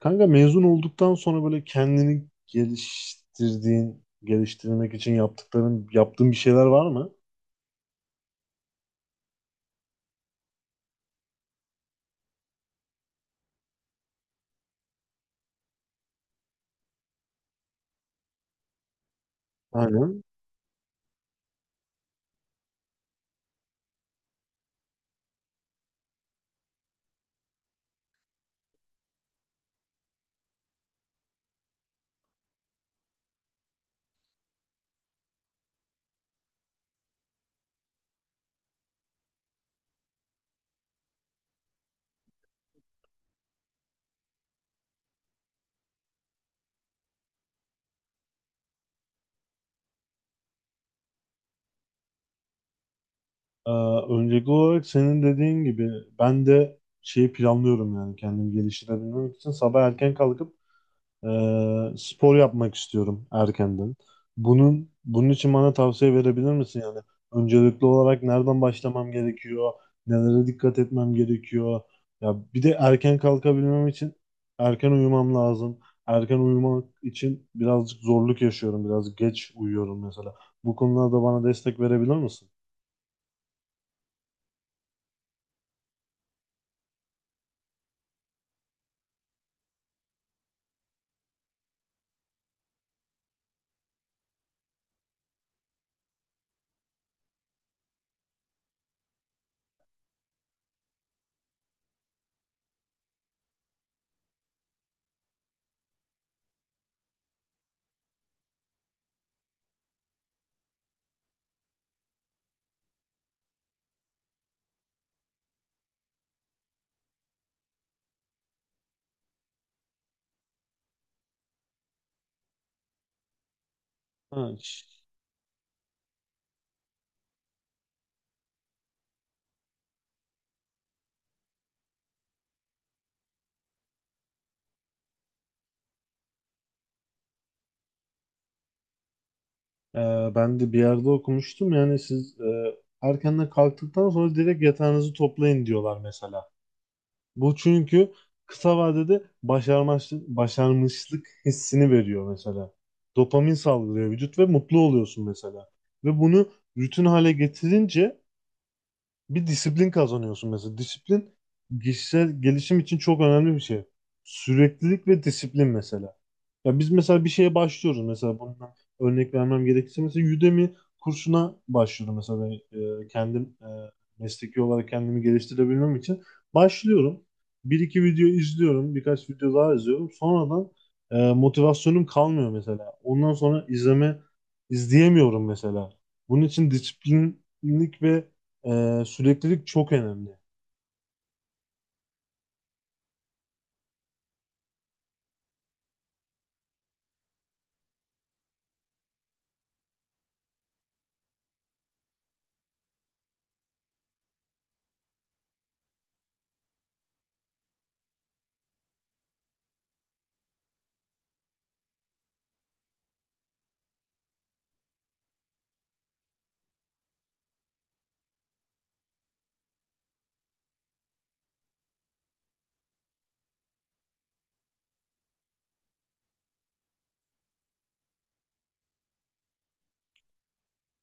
Kanka mezun olduktan sonra böyle kendini geliştirdiğin, geliştirmek için yaptıkların, yaptığın bir şeyler var mı? Aynen. Ee, Öncelikli olarak senin dediğin gibi ben de şeyi planlıyorum yani kendimi geliştirebilmek için sabah erken kalkıp spor yapmak istiyorum erkenden. Bunun için bana tavsiye verebilir misin yani? Öncelikli olarak nereden başlamam gerekiyor? Nelere dikkat etmem gerekiyor? Ya bir de erken kalkabilmem için erken uyumam lazım. Erken uyumak için birazcık zorluk yaşıyorum. Biraz geç uyuyorum mesela. Bu konularda bana destek verebilir misin? Ha, e, ben de bir yerde okumuştum yani siz erkenden kalktıktan sonra direkt yatağınızı toplayın diyorlar mesela. Bu çünkü kısa vadede başarmışlık hissini veriyor mesela. Dopamin salgılıyor vücut ve mutlu oluyorsun mesela. Ve bunu rutin hale getirince bir disiplin kazanıyorsun mesela. Disiplin kişisel gelişim için çok önemli bir şey. Süreklilik ve disiplin mesela. Ya biz mesela bir şeye başlıyoruz mesela bundan örnek vermem gerekirse mesela Udemy kursuna başlıyorum mesela ben, kendim mesleki olarak kendimi geliştirebilmem için başlıyorum. Bir iki video izliyorum, birkaç video daha izliyorum. Sonradan motivasyonum kalmıyor mesela. Ondan sonra izleyemiyorum mesela. Bunun için disiplinlik ve süreklilik çok önemli.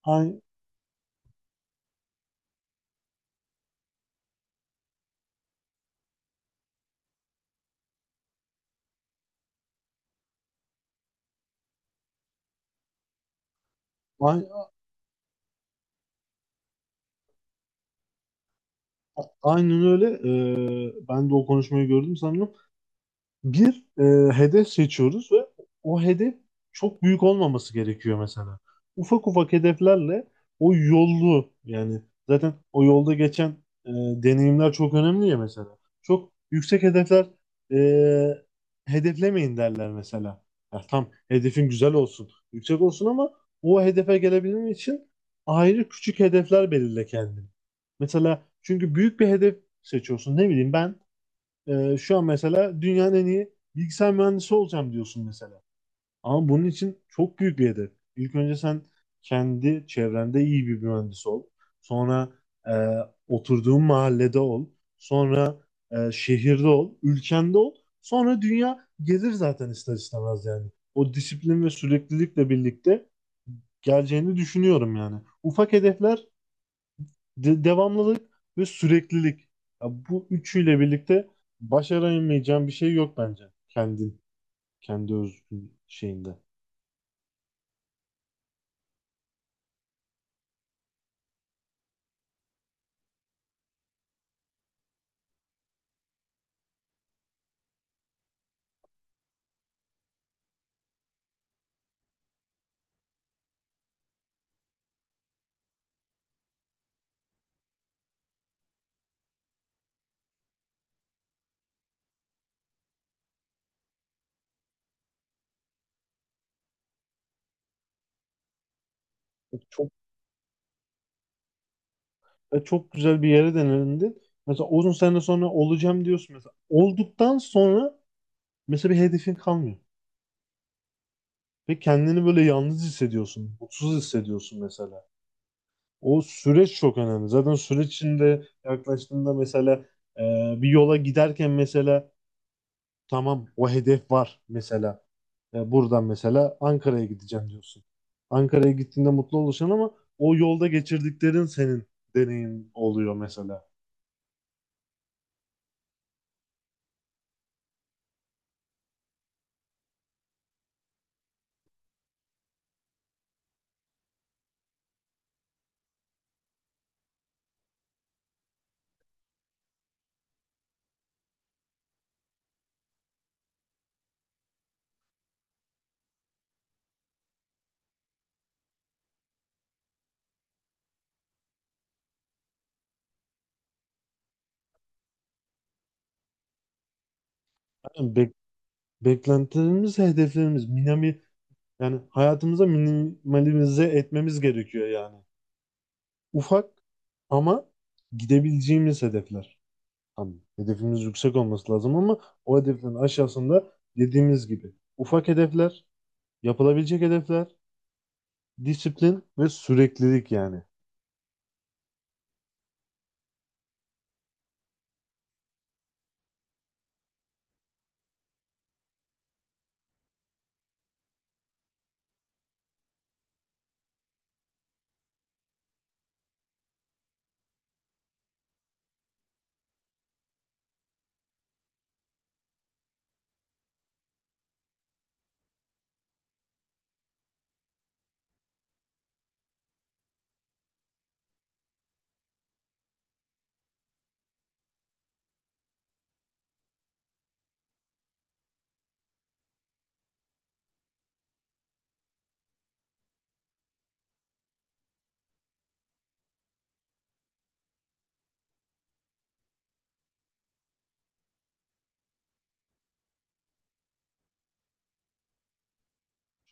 Ay- ay- Aynen öyle. Ben de o konuşmayı gördüm sanırım. Bir hedef seçiyoruz ve o hedef çok büyük olmaması gerekiyor mesela. Ufak ufak hedeflerle o yolu yani zaten o yolda geçen e, deneyimler çok önemli ya mesela. Çok yüksek hedefler e, hedeflemeyin derler mesela. Ya tam hedefin güzel olsun, yüksek olsun ama o hedefe gelebilmen için ayrı küçük hedefler belirle kendine. Mesela çünkü büyük bir hedef seçiyorsun. Ne bileyim ben şu an mesela dünyanın en iyi bilgisayar mühendisi olacağım diyorsun mesela. Ama bunun için çok büyük bir hedef. İlk önce sen kendi çevrende iyi bir mühendis ol. Sonra e, oturduğun mahallede ol. Sonra şehirde ol. Ülkende ol. Sonra dünya gelir zaten ister istemez yani. O disiplin ve süreklilikle birlikte geleceğini düşünüyorum yani. Ufak hedefler devamlılık ve süreklilik. Ya bu üçüyle birlikte başaramayacağın bir şey yok bence. Kendin, kendi özgün şeyinde. E Çok çok güzel bir yere denendin. Mesela uzun sene sonra olacağım diyorsun mesela. Olduktan sonra mesela bir hedefin kalmıyor. Ve kendini böyle yalnız hissediyorsun, mutsuz hissediyorsun mesela. O süreç çok önemli. Zaten süreç içinde yaklaştığında mesela e, bir yola giderken mesela. Tamam, o hedef var mesela. Buradan mesela Ankara'ya gideceğim diyorsun. Ankara'ya gittiğinde mutlu olacaksın ama o yolda geçirdiklerin senin deneyim oluyor mesela. Yani beklentilerimiz, hedeflerimiz, yani hayatımıza minimalize etmemiz gerekiyor yani. Ufak ama gidebileceğimiz hedefler. Tamam. Hedefimiz yüksek olması lazım ama o hedeflerin aşağısında dediğimiz gibi ufak hedefler, yapılabilecek hedefler. Disiplin ve süreklilik yani.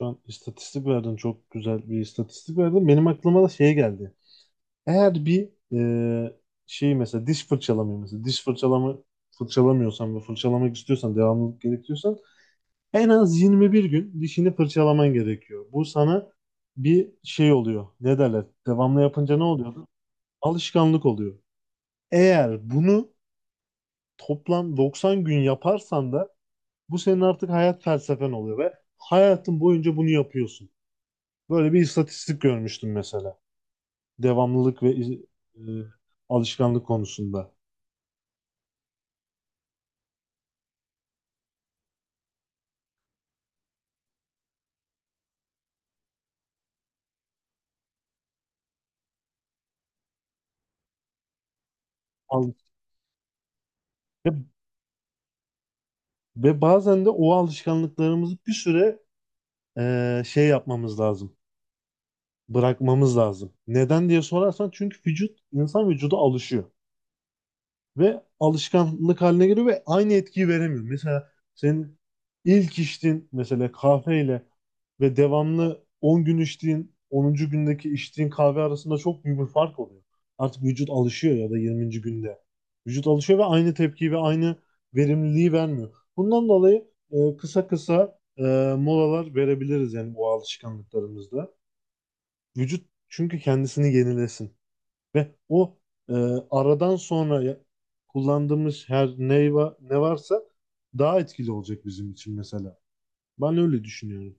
Şu an istatistik verdin, çok güzel bir istatistik verdin. Benim aklıma da şey geldi. Eğer bir şey mesela diş fırçalamayı mesela diş fırçalamıyorsan ve fırçalamak istiyorsan devamlılık gerekiyorsan en az 21 gün dişini fırçalaman gerekiyor. Bu sana bir şey oluyor. Ne derler? Devamlı yapınca ne oluyordu? Alışkanlık oluyor. Eğer bunu toplam 90 gün yaparsan da bu senin artık hayat felsefen oluyor ve hayatın boyunca bunu yapıyorsun. Böyle bir istatistik görmüştüm mesela. Devamlılık ve e, alışkanlık konusunda. Al- ve, ve bazen de o alışkanlıklarımızı bir süre şey yapmamız lazım. Bırakmamız lazım. Neden diye sorarsan çünkü vücut, insan vücudu alışıyor. Ve alışkanlık haline geliyor ve aynı etkiyi veremiyor. Mesela senin ilk içtiğin mesela kahveyle ve devamlı 10 gün içtiğin 10'uncu gündeki içtiğin kahve arasında çok büyük bir fark oluyor. Artık vücut alışıyor ya da 20'nci günde. Vücut alışıyor ve aynı tepkiyi ve aynı verimliliği vermiyor. Bundan dolayı kısa kısa molalar verebiliriz yani bu alışkanlıklarımızda. Vücut çünkü kendisini yenilesin. Ve o e, aradan sonra kullandığımız her ne varsa daha etkili olacak bizim için mesela. Ben öyle düşünüyorum.